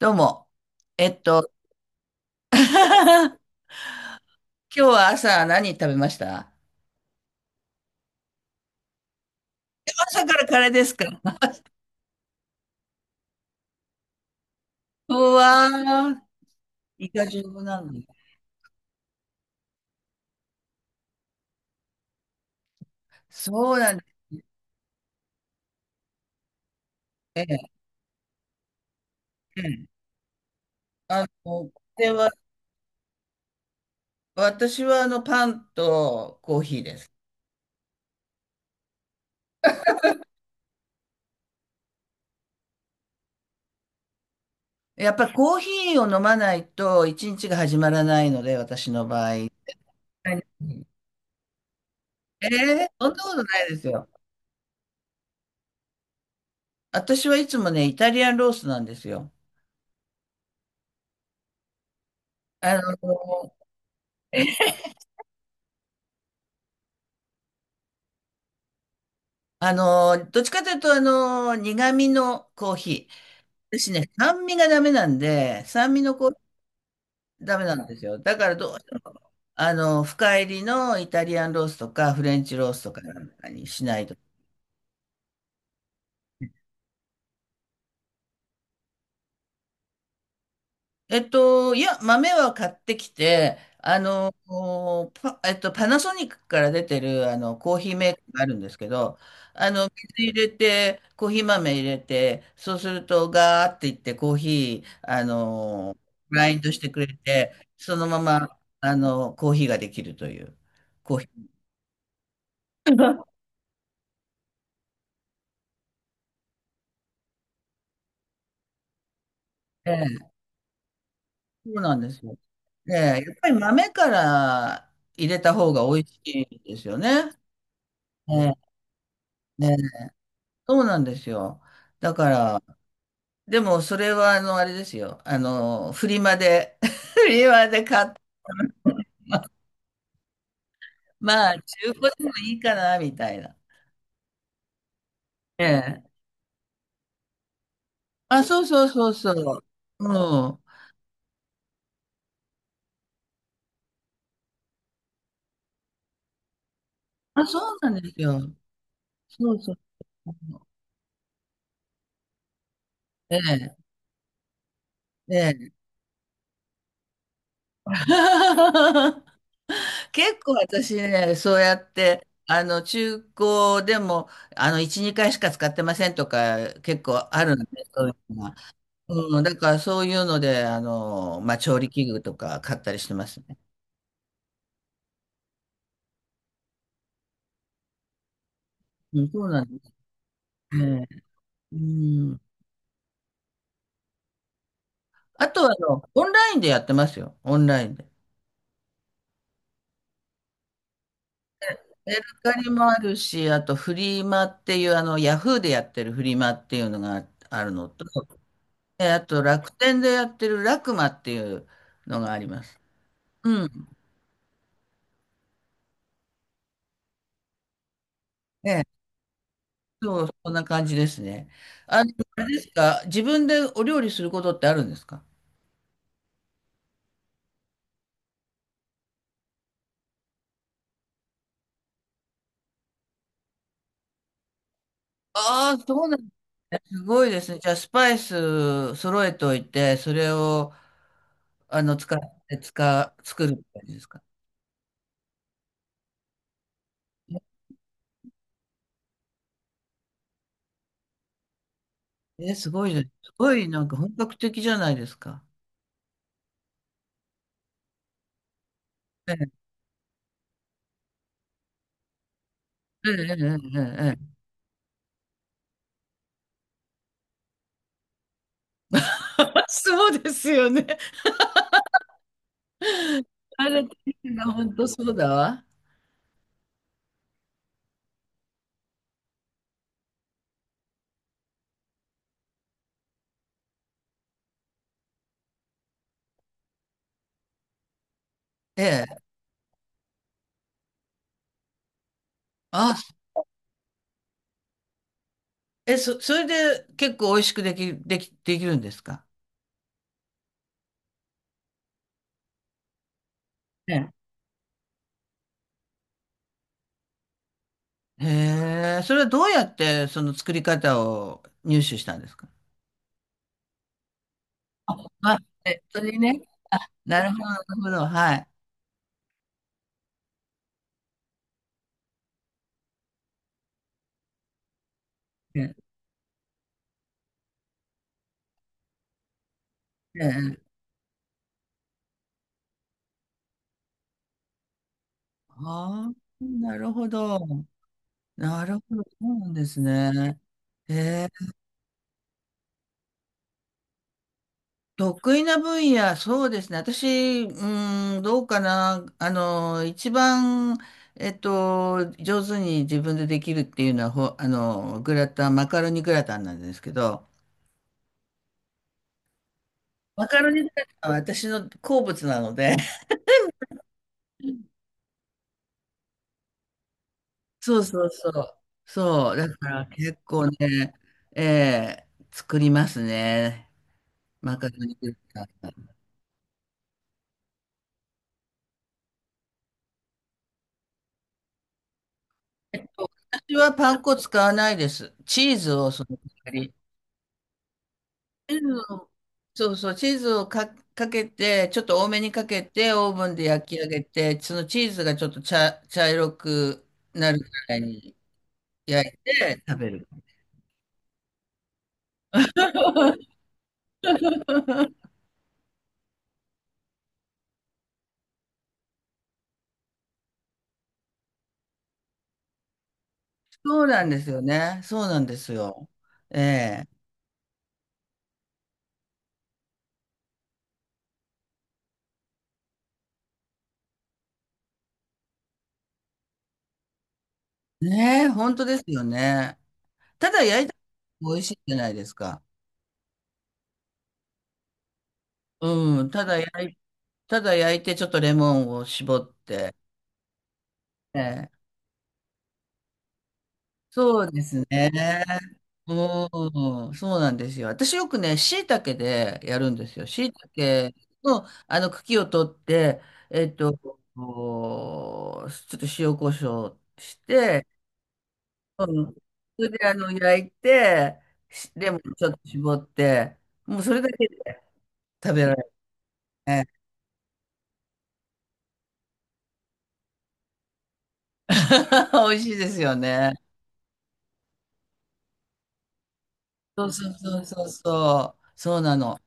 どうも。えっと、今日は朝何食べました？朝からカレーですか？うわー、イカ丈夫なんだ。そうなんですね。うん。これは、私はパンとコーヒーです。やっぱコーヒーを飲まないと一日が始まらないので、私の場合。はい。えー、そんなことないですよ。私はいつもね、イタリアンロースなんですよ。あの、どっちかというと、苦味のコーヒー。私ね、酸味がダメなんで、酸味のコーヒーダメなんですよ。だからどうしても、深入りのイタリアンロースとか、フレンチロースとかなんかにしないと。いや、豆は買ってきて、おパ、えっと、パナソニックから出てる、コーヒーメーカーがあるんですけど、あの、水入れて、コーヒー豆入れて、そうすると、ガーっていって、コーヒー、グラインドしてくれて、そのまま、コーヒーができるという、コーヒー。ええ、そうなんですよ。ええ、やっぱり豆から入れた方が美味しいですよね。ええ、ええ、そうなんですよ。だから、でも、それは、あれですよ。フリマで、フリマで買って、まあ、まあ中古でもいいかな、みたいな。ええ。あ、そうそうそうそう。うん。あ、そうなんですよ。そうそう。ええ。ええ。結構私ね、そうやって、中古でも、1、2回しか使ってませんとか、結構あるんで、そういうのが。うん、だからそういうので、まあ、調理器具とか買ったりしてます。うん、そうなんですね。うん。あとはオンラインでやってますよ。オンラインで。メルカリもあるし、あとフリマっていう、ヤフーでやってるフリマっていうのがあるのと、あと楽天でやってるラクマっていうのがあります。うん。ええ、そう、そんな感じですね。あれですか、自分でお料理することってあるんですか？ああ、そうなんですね。すごいですね。じゃあ、スパイス揃えておいて、それを使って、作るみたいですか？すごいじゃん。すごい、なんか本格的じゃないですか。ええ、ええ、ええ、ええ。そうですよね。あれ、本当そうだわ。ええ。あ、それで結構美味しくできるんですか？ええ。へえ、それはどうやってその作り方を入手したんですか？あ、あ、ネットれね。なるほど、なるほど。はい。ええ、ええ。ああ、なるほど。なるほど、そうなんですね。えー得意な分野、そうですね。私、うん、どうかな。一番、上手に自分でできるっていうのは、ほ、あの、グラタン、マカロニグラタンなんですけど、マカロニグラタンは私の好物なので、そうそうそう。そう、だから結構ね、作りますね。マカロニグラタン。私はパン粉使わないです。チーズをその代わり。チーズを、そうそう、チーズをかけて、ちょっと多めにかけて、オーブンで焼き上げて、そのチーズがちょっと茶色くなるぐらいに焼いて食べる。そうなんですよね。そうなんですよ。ええ。ねえ、本当ですよね。ただ焼いたら美味しいじゃないですか。うん、ただ焼いて、ちょっとレモンを絞って。ええ、そうですね。うん、そうなんですよ。私よくね、椎茸でやるんですよ。椎茸の茎を取って、えっと、こうちょっと塩コショウして、うん、それで焼いて、レモンちょっと絞って、もうそれだけで食べられるね。美味しいですよね。そうそうそうそうそう。そうなの。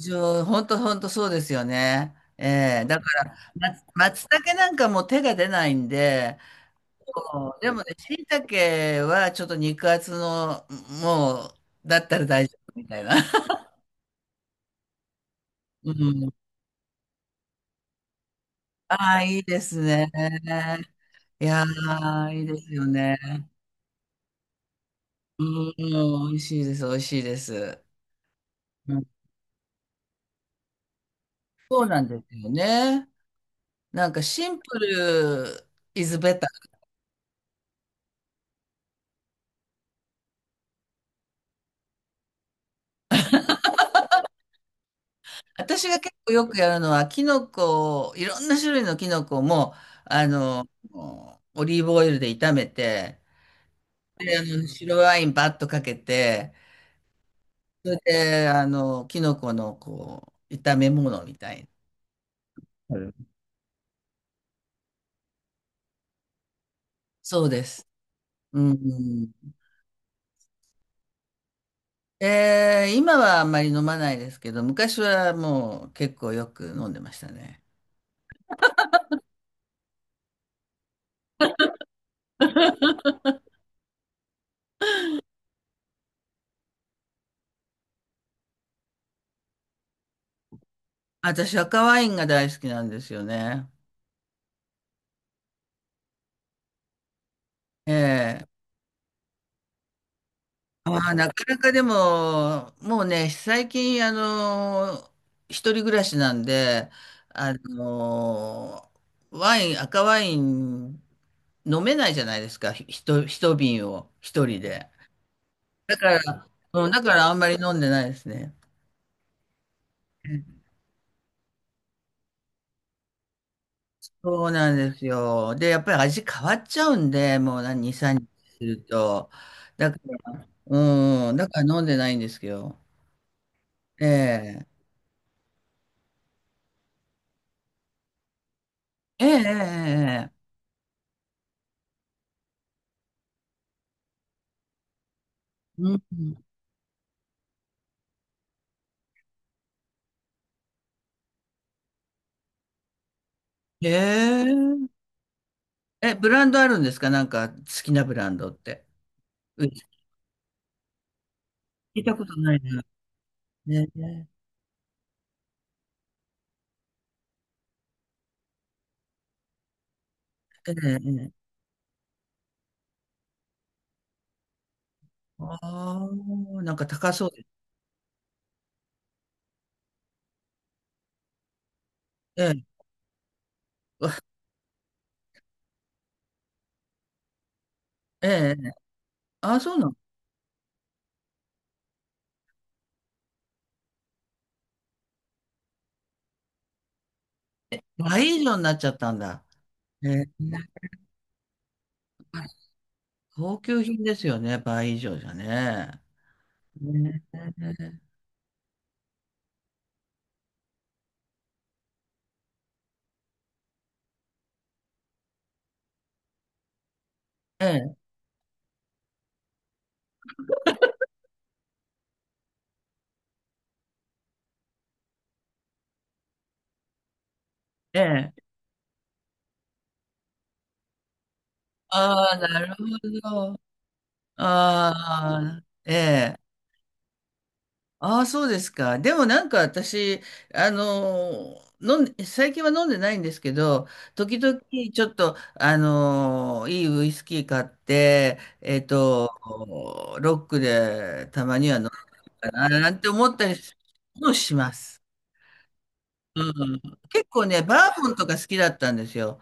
本当本当そうですよね。ええ、だから、松茸なんかもう手が出ないんで、そうでもね、椎茸はちょっと肉厚の、もう、だったら大丈夫みたいな。うん。ああ、いいですね。いやー、いいですよね。うん、美味しいです、美味しいです。うん、そうなんですよね。なんかシンプル is better。 私が結構よくやるのは、キノコを、いろんな種類のキノコも、あの、オリーブオイルで炒めて、で、白ワインバッとかけて、それで、キノコの、こう、炒め物みたいな。はい、そうです。うん。今はあんまり飲まないですけど、昔はもう結構よく飲んでましたね。私、赤ワインが大好きなんですよね。ええ。ああ、なかなかでも、もうね、最近、一人暮らしなんで、あの、ワイン、赤ワイン飲めないじゃないですか、一瓶を一人で。だから、うん、だからあんまり飲んでないですね。そうなんですよ。で、やっぱり味変わっちゃうんで、もう何、2、3日すると。だから、うん、だから飲んでないんですけど。ええ、ええ、ええ、ええ。うん。へえ。え、ブランドあるんですか？なんか好きなブランドって。うん、聞いたことないな。ね、ねえ。ええ。ええ。ああ、なんか高そうです。ええ。ええ。ああ、そうなの。倍以上になっちゃったんだ。ええ。高級品ですよね。倍以上じゃね。ね。ええ。ええ。ええ。ああ、なるほど。ああ、ええ。ああ、そうですか。でもなんか私、飲んで、最近は飲んでないんですけど、時々ちょっと、いいウイスキー買って、ロックでたまには飲むかな、なんて思ったりもします。うん、結構ね、バーボンとか好きだったんですよ。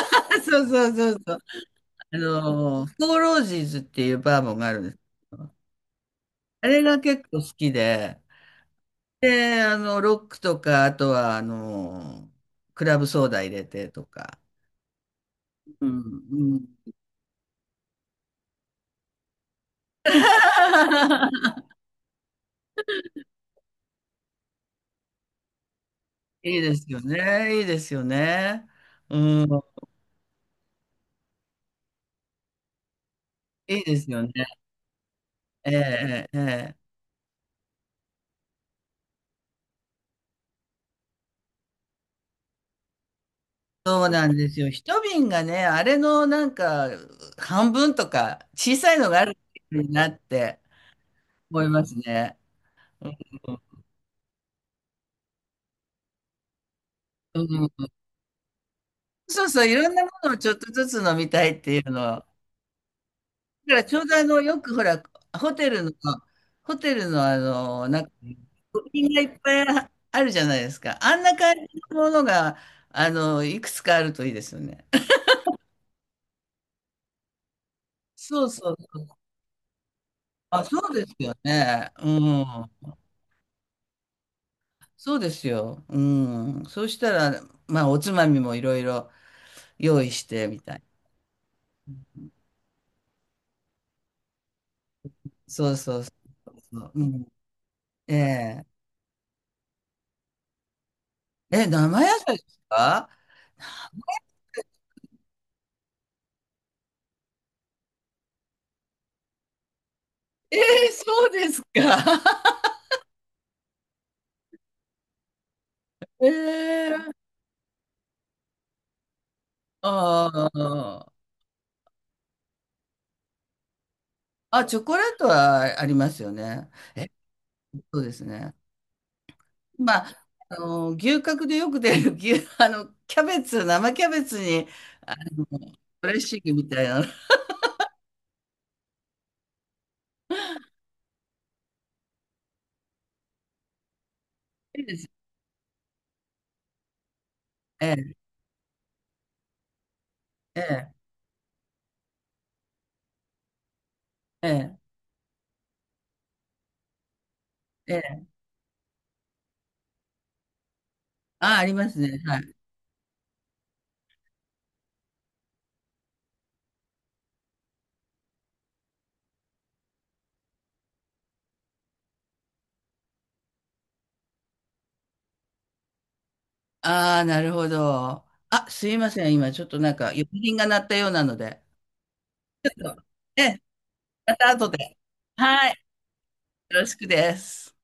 そうそうそうそう。フォーロージーズっていうバーボンがあるんですけど。あれが結構好きで、で、ロックとか、あとは、クラブソーダ入れてとか。うん、うん。いいですよね。いいですよね。うん。いいですよね。ええ、ええ。ええ、そうなんですよ。一瓶がね、あれのなんか、半分とか、小さいのがあるなって思いますね。うん。うん、そうそう、いろんなものをちょっとずつ飲みたいっていうのを、だからちょうどよくほら、ホテルの、ホテルのなんか、部品がいっぱいあるじゃないですか。あんな感じのものが、いくつかあるといいですよね。そうそうそう。あ、そうですよね。うん。そうですよ。うん。そうしたら、まあ、おつまみもいろいろ用意して、みたいな。そうそうそうそう。うん。ええ。え、生野菜ですか？ええ、そうですか？ええ。ああ。あ、チョコレートはありますよね。え、そうですね。まあ、牛角でよく出る牛、キャベツ、生キャベツに、あの、ドレッシングみたいなの。いいです。ええ、ええ、ええ、ええ。あ、ありますね。はい。ああ、なるほど。あ、すいません。今、ちょっとなんか、呼び鈴が鳴ったようなので。ちょっと、ええ、また後で。はい。よろしくです。